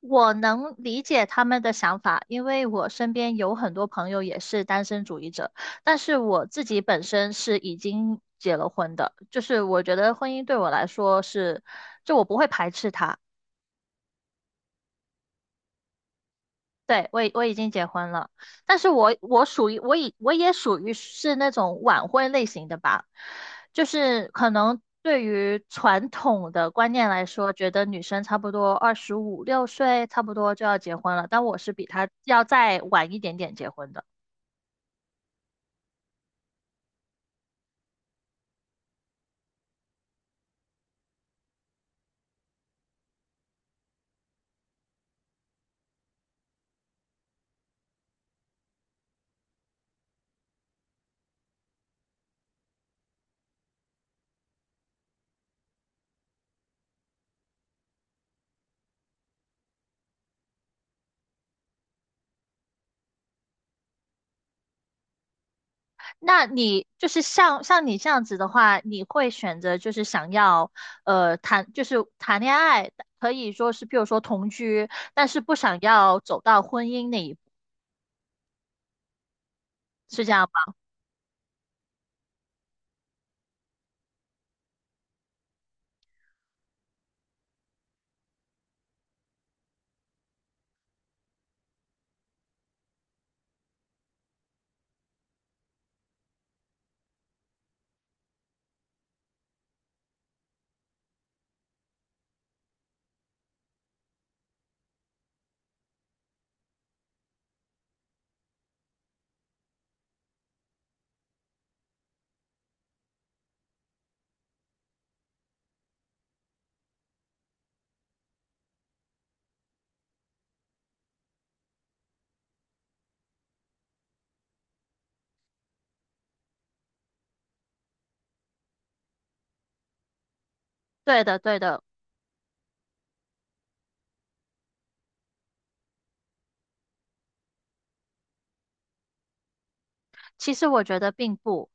我能理解他们的想法，因为我身边有很多朋友也是单身主义者，但是我自己本身是已经结了婚的，就是我觉得婚姻对我来说是，就我不会排斥它。对，我已经结婚了，但是我属于是那种晚婚类型的吧。就是可能对于传统的观念来说，觉得女生差不多二十五六岁差不多就要结婚了，但我是比她要再晚一点点结婚的。那你就是像你这样子的话，你会选择就是想要呃谈就是谈恋爱，可以说是比如说同居，但是不想要走到婚姻那一步，是这样吗？对的，对的。其实我觉得并不。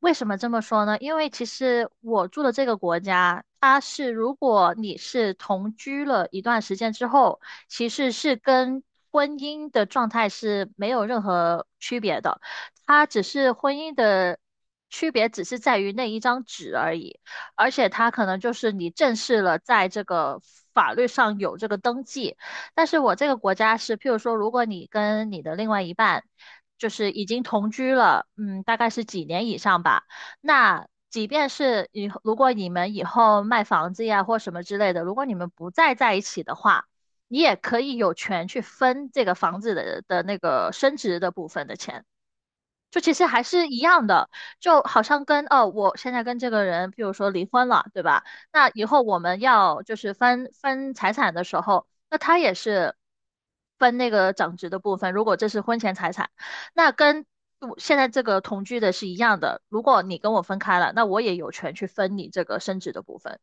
为什么这么说呢？因为其实我住的这个国家，它是如果你是同居了一段时间之后，其实是跟婚姻的状态是没有任何区别的。它只是婚姻的区别，只是在于那一张纸而已。而且它可能就是你正式了在这个法律上有这个登记。但是我这个国家是，譬如说，如果你跟你的另外一半就是已经同居了，嗯，大概是几年以上吧，那即便是以后如果你们以后卖房子呀或什么之类的，如果你们不再在一起的话，你也可以有权去分这个房子的那个升值的部分的钱。就其实还是一样的，就好像跟哦，我现在跟这个人，比如说离婚了，对吧？那以后我们要就是分财产的时候，那他也是分那个长值的部分。如果这是婚前财产，那跟我现在这个同居的是一样的。如果你跟我分开了，那我也有权去分你这个升值的部分。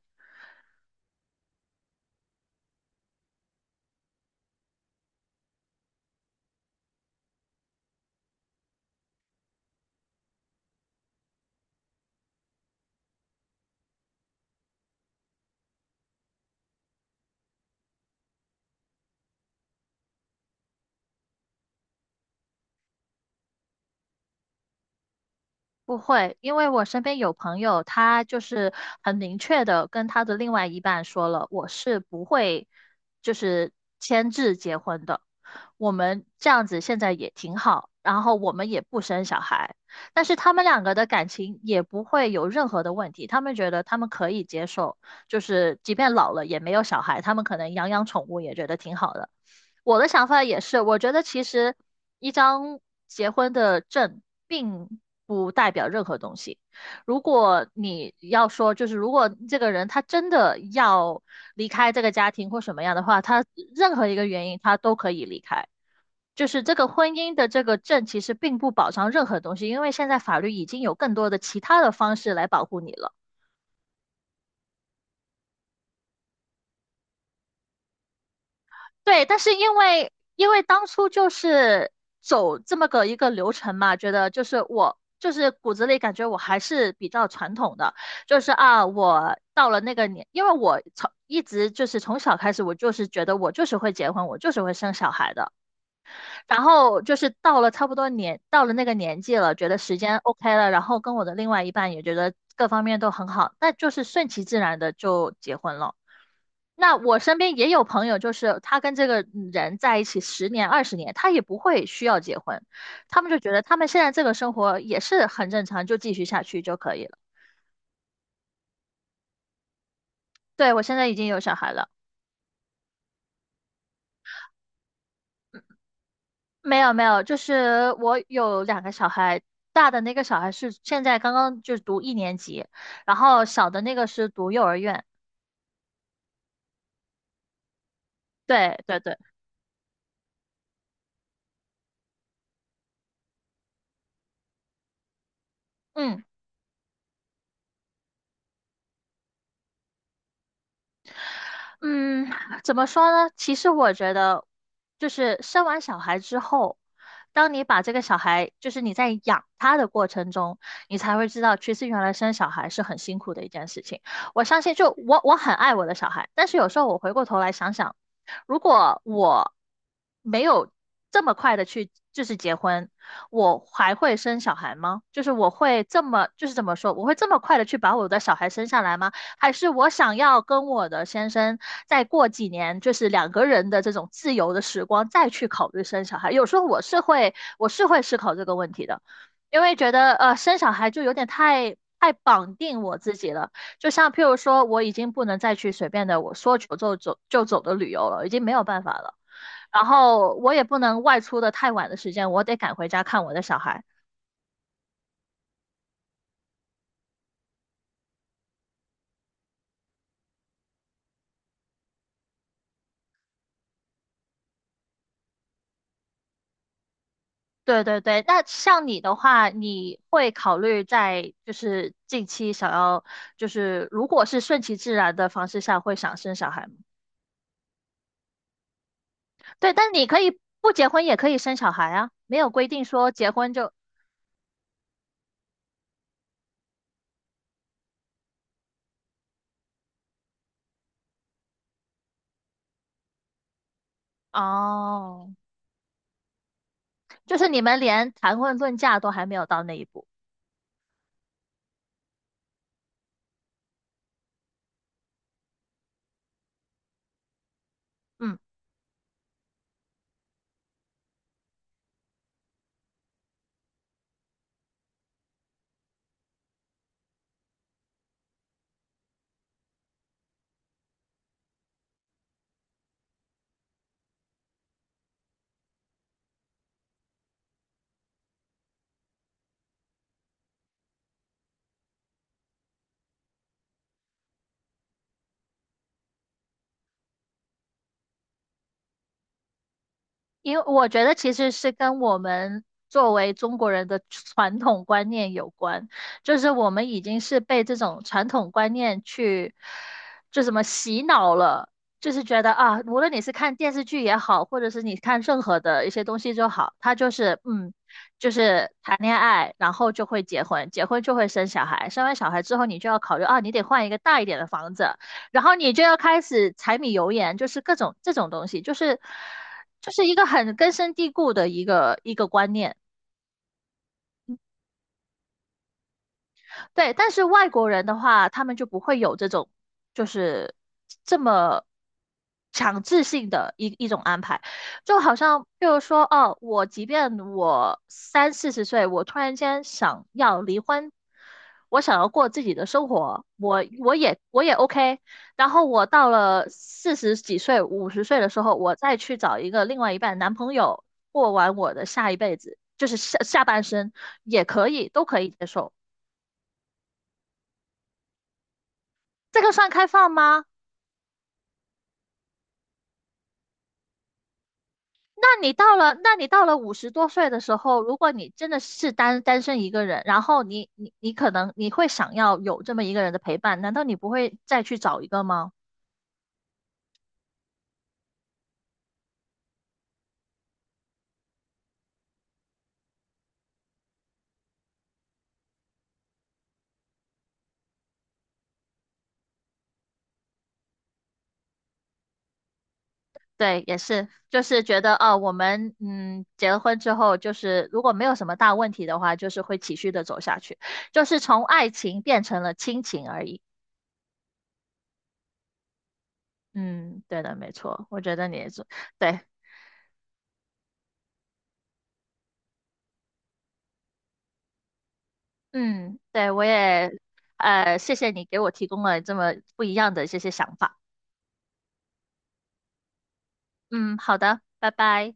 不会，因为我身边有朋友，他就是很明确的跟他的另外一半说了，我是不会就是签字结婚的。我们这样子现在也挺好，然后我们也不生小孩，但是他们两个的感情也不会有任何的问题，他们觉得他们可以接受，就是即便老了也没有小孩，他们可能养养宠物也觉得挺好的。我的想法也是，我觉得其实一张结婚的证并不代表任何东西。如果你要说，就是如果这个人他真的要离开这个家庭或什么样的话，他任何一个原因他都可以离开。就是这个婚姻的这个证其实并不保障任何东西，因为现在法律已经有更多的其他的方式来保护你了。对，但是因为当初就是走这么个一个流程嘛，觉得就是我就是骨子里感觉我还是比较传统的。就是啊，我到了那个年，因为我从一直就是从小开始，我就是觉得我就是会结婚，我就是会生小孩的。然后就是到了差不多年，到了那个年纪了，觉得时间 OK 了，然后跟我的另外一半也觉得各方面都很好，那就是顺其自然的就结婚了。那我身边也有朋友，就是他跟这个人在一起十年、20年，他也不会需要结婚，他们就觉得他们现在这个生活也是很正常，就继续下去就可以了。对，我现在已经有小孩了。没有没有，就是我有两个小孩，大的那个小孩是现在刚刚就读一年级，然后小的那个是读幼儿园。对对对，嗯。嗯，怎么说呢？其实我觉得，就是生完小孩之后，当你把这个小孩，就是你在养他的过程中，你才会知道，其实原来生小孩是很辛苦的一件事情。我相信就，我很爱我的小孩，但是有时候我回过头来想想，如果我没有这么快的去就是结婚，我还会生小孩吗？就是我会这么，就是怎么说，我会这么快的去把我的小孩生下来吗？还是我想要跟我的先生再过几年，就是两个人的这种自由的时光，再去考虑生小孩。有时候我是会，我是会思考这个问题的，因为觉得,生小孩就有点太绑定我自己了。就像譬如说，我已经不能再去随便的我说走就走的旅游了，已经没有办法了。然后我也不能外出的太晚的时间，我得赶回家看我的小孩。对对对，那像你的话，你会考虑在就是近期想要，就是如果是顺其自然的方式下，会想生小孩吗？对，但你可以不结婚也可以生小孩啊，没有规定说结婚就，哦，就是你们连谈婚论嫁都还没有到那一步。嗯。因为我觉得其实是跟我们作为中国人的传统观念有关，就是我们已经是被这种传统观念去，就什么洗脑了，就是觉得啊，无论你是看电视剧也好，或者是你看任何的一些东西就好，他就是就是谈恋爱，然后就会结婚，结婚就会生小孩，生完小孩之后你就要考虑啊，你得换一个大一点的房子。然后你就要开始柴米油盐，就是各种这种东西，就是一个很根深蒂固的一个观念。对，但是外国人的话，他们就不会有这种就是这么强制性的一种安排。就好像譬如说，哦，我即便我三四十岁，我突然间想要离婚，我想要过自己的生活，我也 OK。然后我到了四十几岁、50岁的时候，我再去找一个另外一半男朋友，过完我的下一辈子，就是下半生也可以，都可以接受。这个算开放吗？那你到了，那你到了五十多岁的时候，如果你真的是单身一个人，然后你你你可能你会想要有这么一个人的陪伴，难道你不会再去找一个吗？对，也是，就是觉得哦，我们结了婚之后，就是如果没有什么大问题的话，就是会持续的走下去，就是从爱情变成了亲情而已。嗯，对的，没错，我觉得你也是。对，嗯，对，我也，呃，谢谢你给我提供了这么不一样的这些想法。嗯，好的，拜拜。